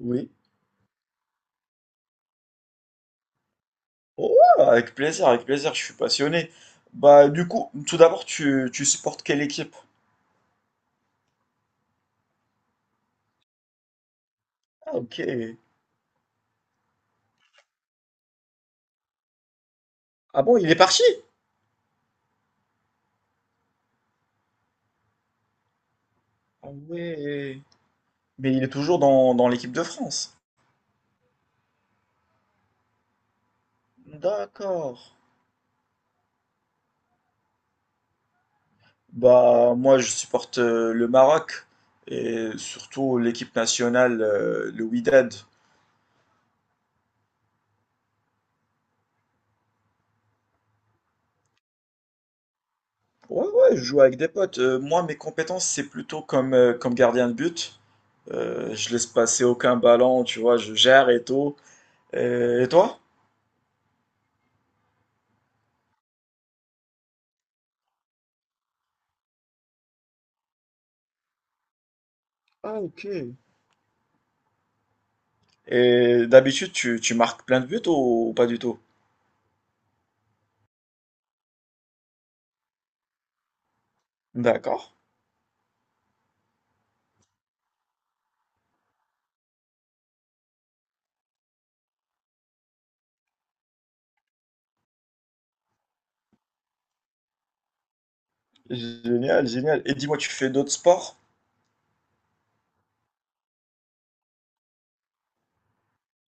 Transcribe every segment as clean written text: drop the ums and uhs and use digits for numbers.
Oui. Oh, avec plaisir, je suis passionné. Bah, du coup, tout d'abord, tu supportes quelle équipe? Ah, ok. Ah bon, il est parti? Ah ouais. Mais il est toujours dans l'équipe de France. D'accord. Bah, moi, je supporte le Maroc et surtout l'équipe nationale, le Wydad. Ouais, ouais, je joue avec des potes. Moi, mes compétences, c'est plutôt comme, comme gardien de but. Je laisse passer aucun ballon, tu vois, je gère et tout. Et toi? Ah, ok. Et d'habitude, tu marques plein de buts ou pas du tout? D'accord. Génial, génial. Et dis-moi, tu fais d'autres sports?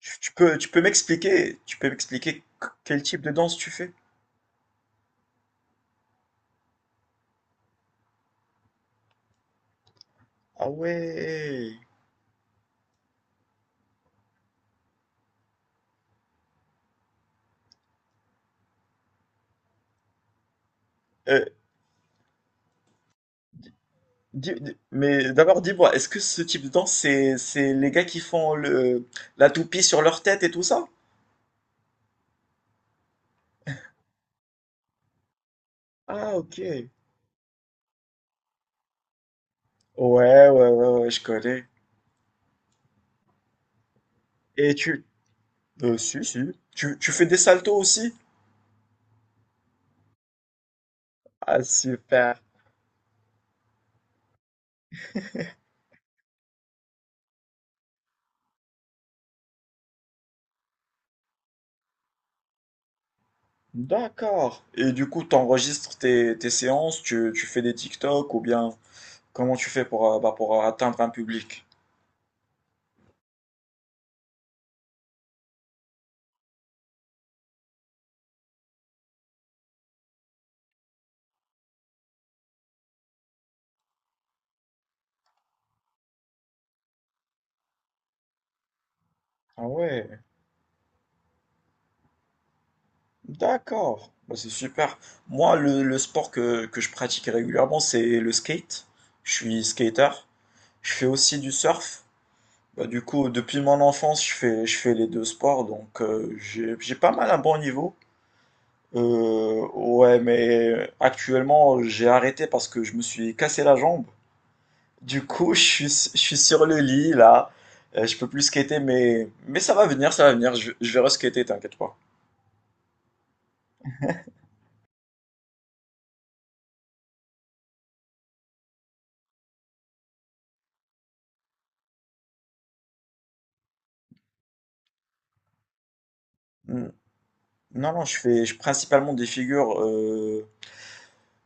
Tu peux m'expliquer, tu peux m'expliquer quel type de danse tu fais? Ah ouais. Euh, mais d'abord, dis-moi, est-ce que ce type de danse, c'est les gars qui font la toupie sur leur tête et tout ça? Ah, ok. Ouais, ouais, ouais, ouais, je connais. Et tu... Si, si. Tu fais des saltos aussi? Ah, super. D'accord. Et du coup, tu enregistres tes séances, tu fais des TikTok ou bien comment tu fais pour, pour atteindre un public? Ah ouais, d'accord. Bah, c'est super. Moi, le sport que je pratique régulièrement, c'est le skate. Je suis skater. Je fais aussi du surf. Bah, du coup, depuis mon enfance, je fais les deux sports, donc j'ai pas mal un bon niveau. Ouais, mais actuellement, j'ai arrêté parce que je me suis cassé la jambe. Du coup, je suis sur le lit là. Je peux plus skater, mais ça va venir, ça va venir. Je vais reskater, t'inquiète pas. Hmm. Non, non, principalement des figures. Euh,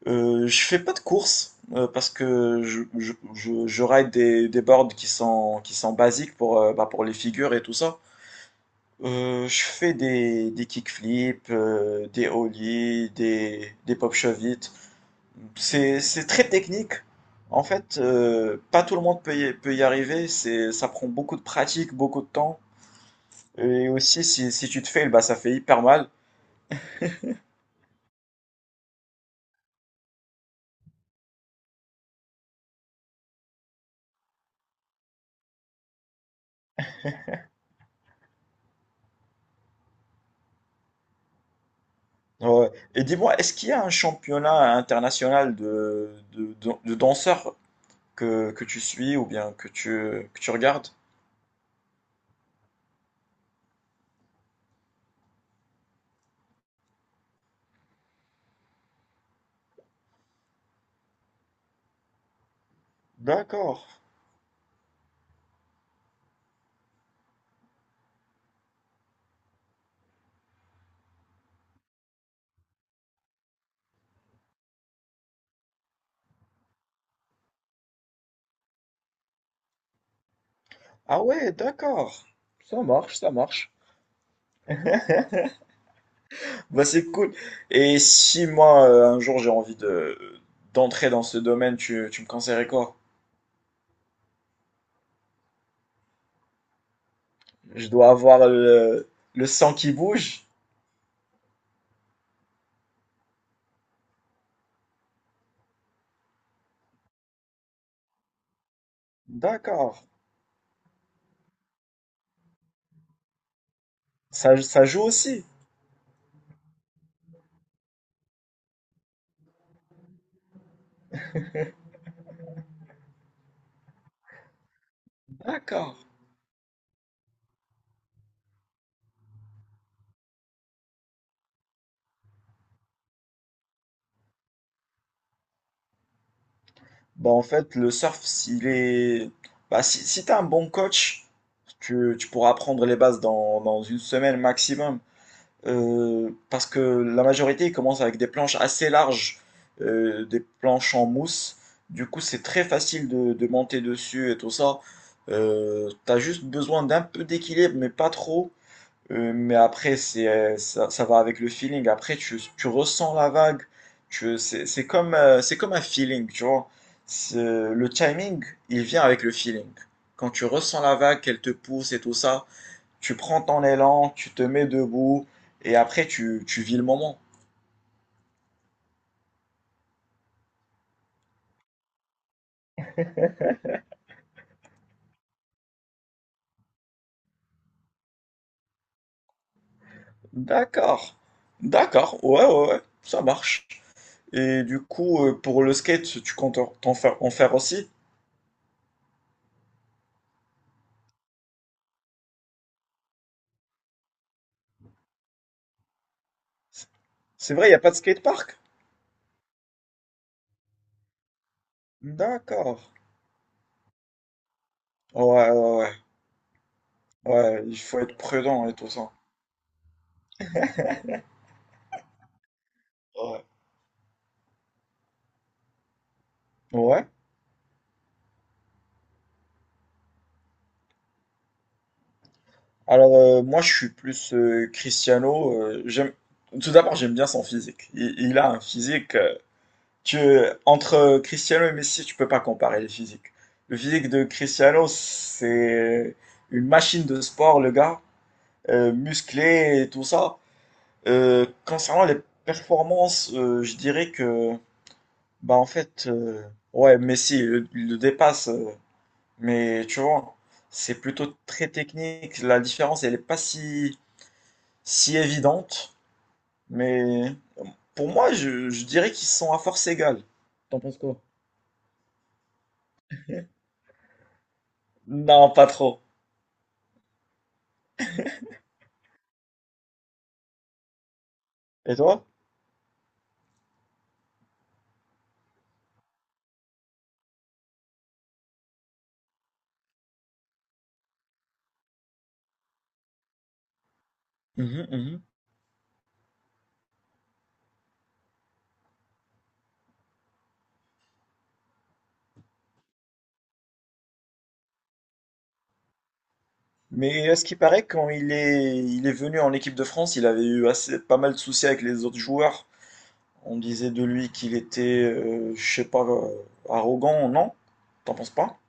euh, Je fais pas de course parce que je ride des boards qui sont basiques pour, pour les figures et tout ça. Je fais des kickflips, des ollies, des pop shove. C'est très technique. En fait, pas tout le monde peut peut y arriver. C'est, ça prend beaucoup de pratique, beaucoup de temps. Et aussi, si, si tu te fais bah, ça fait hyper mal. Ouais. Et dis-moi, est-ce qu'il y a un championnat international de danseurs que tu suis ou bien que tu regardes? D'accord. Ah ouais, d'accord. Ça marche, ça marche. Bah, c'est cool. Et si moi, un jour, j'ai envie de, d'entrer dans ce domaine, tu me conseillerais quoi? Je dois avoir le sang qui bouge. D'accord. Ça joue aussi. D'accord. Bah, en fait, le surf, s'il est... Bah, si, si t'as un bon coach, tu pourras apprendre les bases dans une semaine maximum. Parce que la majorité, ils commencent avec des planches assez larges, des planches en mousse. Du coup, c'est très facile de monter dessus et tout ça. T'as juste besoin d'un peu d'équilibre, mais pas trop. Mais après, ça, ça va avec le feeling. Après, tu ressens la vague. C'est comme un feeling, tu vois. C'est- Le timing, il vient avec le feeling. Quand tu ressens la vague, qu'elle te pousse et tout ça, tu prends ton élan, tu te mets debout, et après, tu vis le moment. D'accord. D'accord. Ouais, ouais, ouais. Ça marche. Et du coup, pour le skate, tu comptes en faire aussi? C'est vrai, il n'y a pas de skatepark? D'accord. Ouais, ouais, ouais. Ouais, il faut être prudent et tout ça. Ouais. Ouais. Alors, moi, je suis plus Cristiano. Tout d'abord, j'aime bien son physique. Il a un physique. Tu... Entre Cristiano et Messi, tu peux pas comparer les physiques. Le physique de Cristiano, c'est une machine de sport, le gars. Musclé et tout ça. Concernant les performances, je dirais que, bah, en fait, ouais, il le dépasse. Mais tu vois, c'est plutôt très technique. La différence, elle n'est pas si, si évidente. Mais pour moi, je dirais qu'ils sont à force égale. T'en penses quoi? Non, pas trop. Et toi? Mhm, mhm. Mais à ce qui paraît, quand il est venu en équipe de France, il avait eu assez, pas mal de soucis avec les autres joueurs. On disait de lui qu'il était, je sais pas, arrogant, non? T'en penses pas?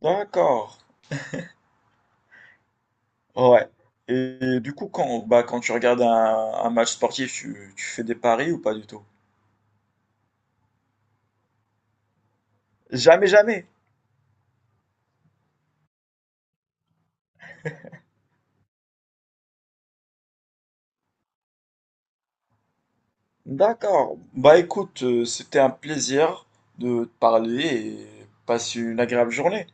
D'accord. Ouais. Et du coup, quand tu regardes un match sportif, tu fais des paris ou pas du tout? Jamais, jamais. D'accord. Bah écoute, c'était un plaisir de te parler et passe une agréable journée.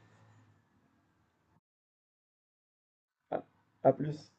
À à plus.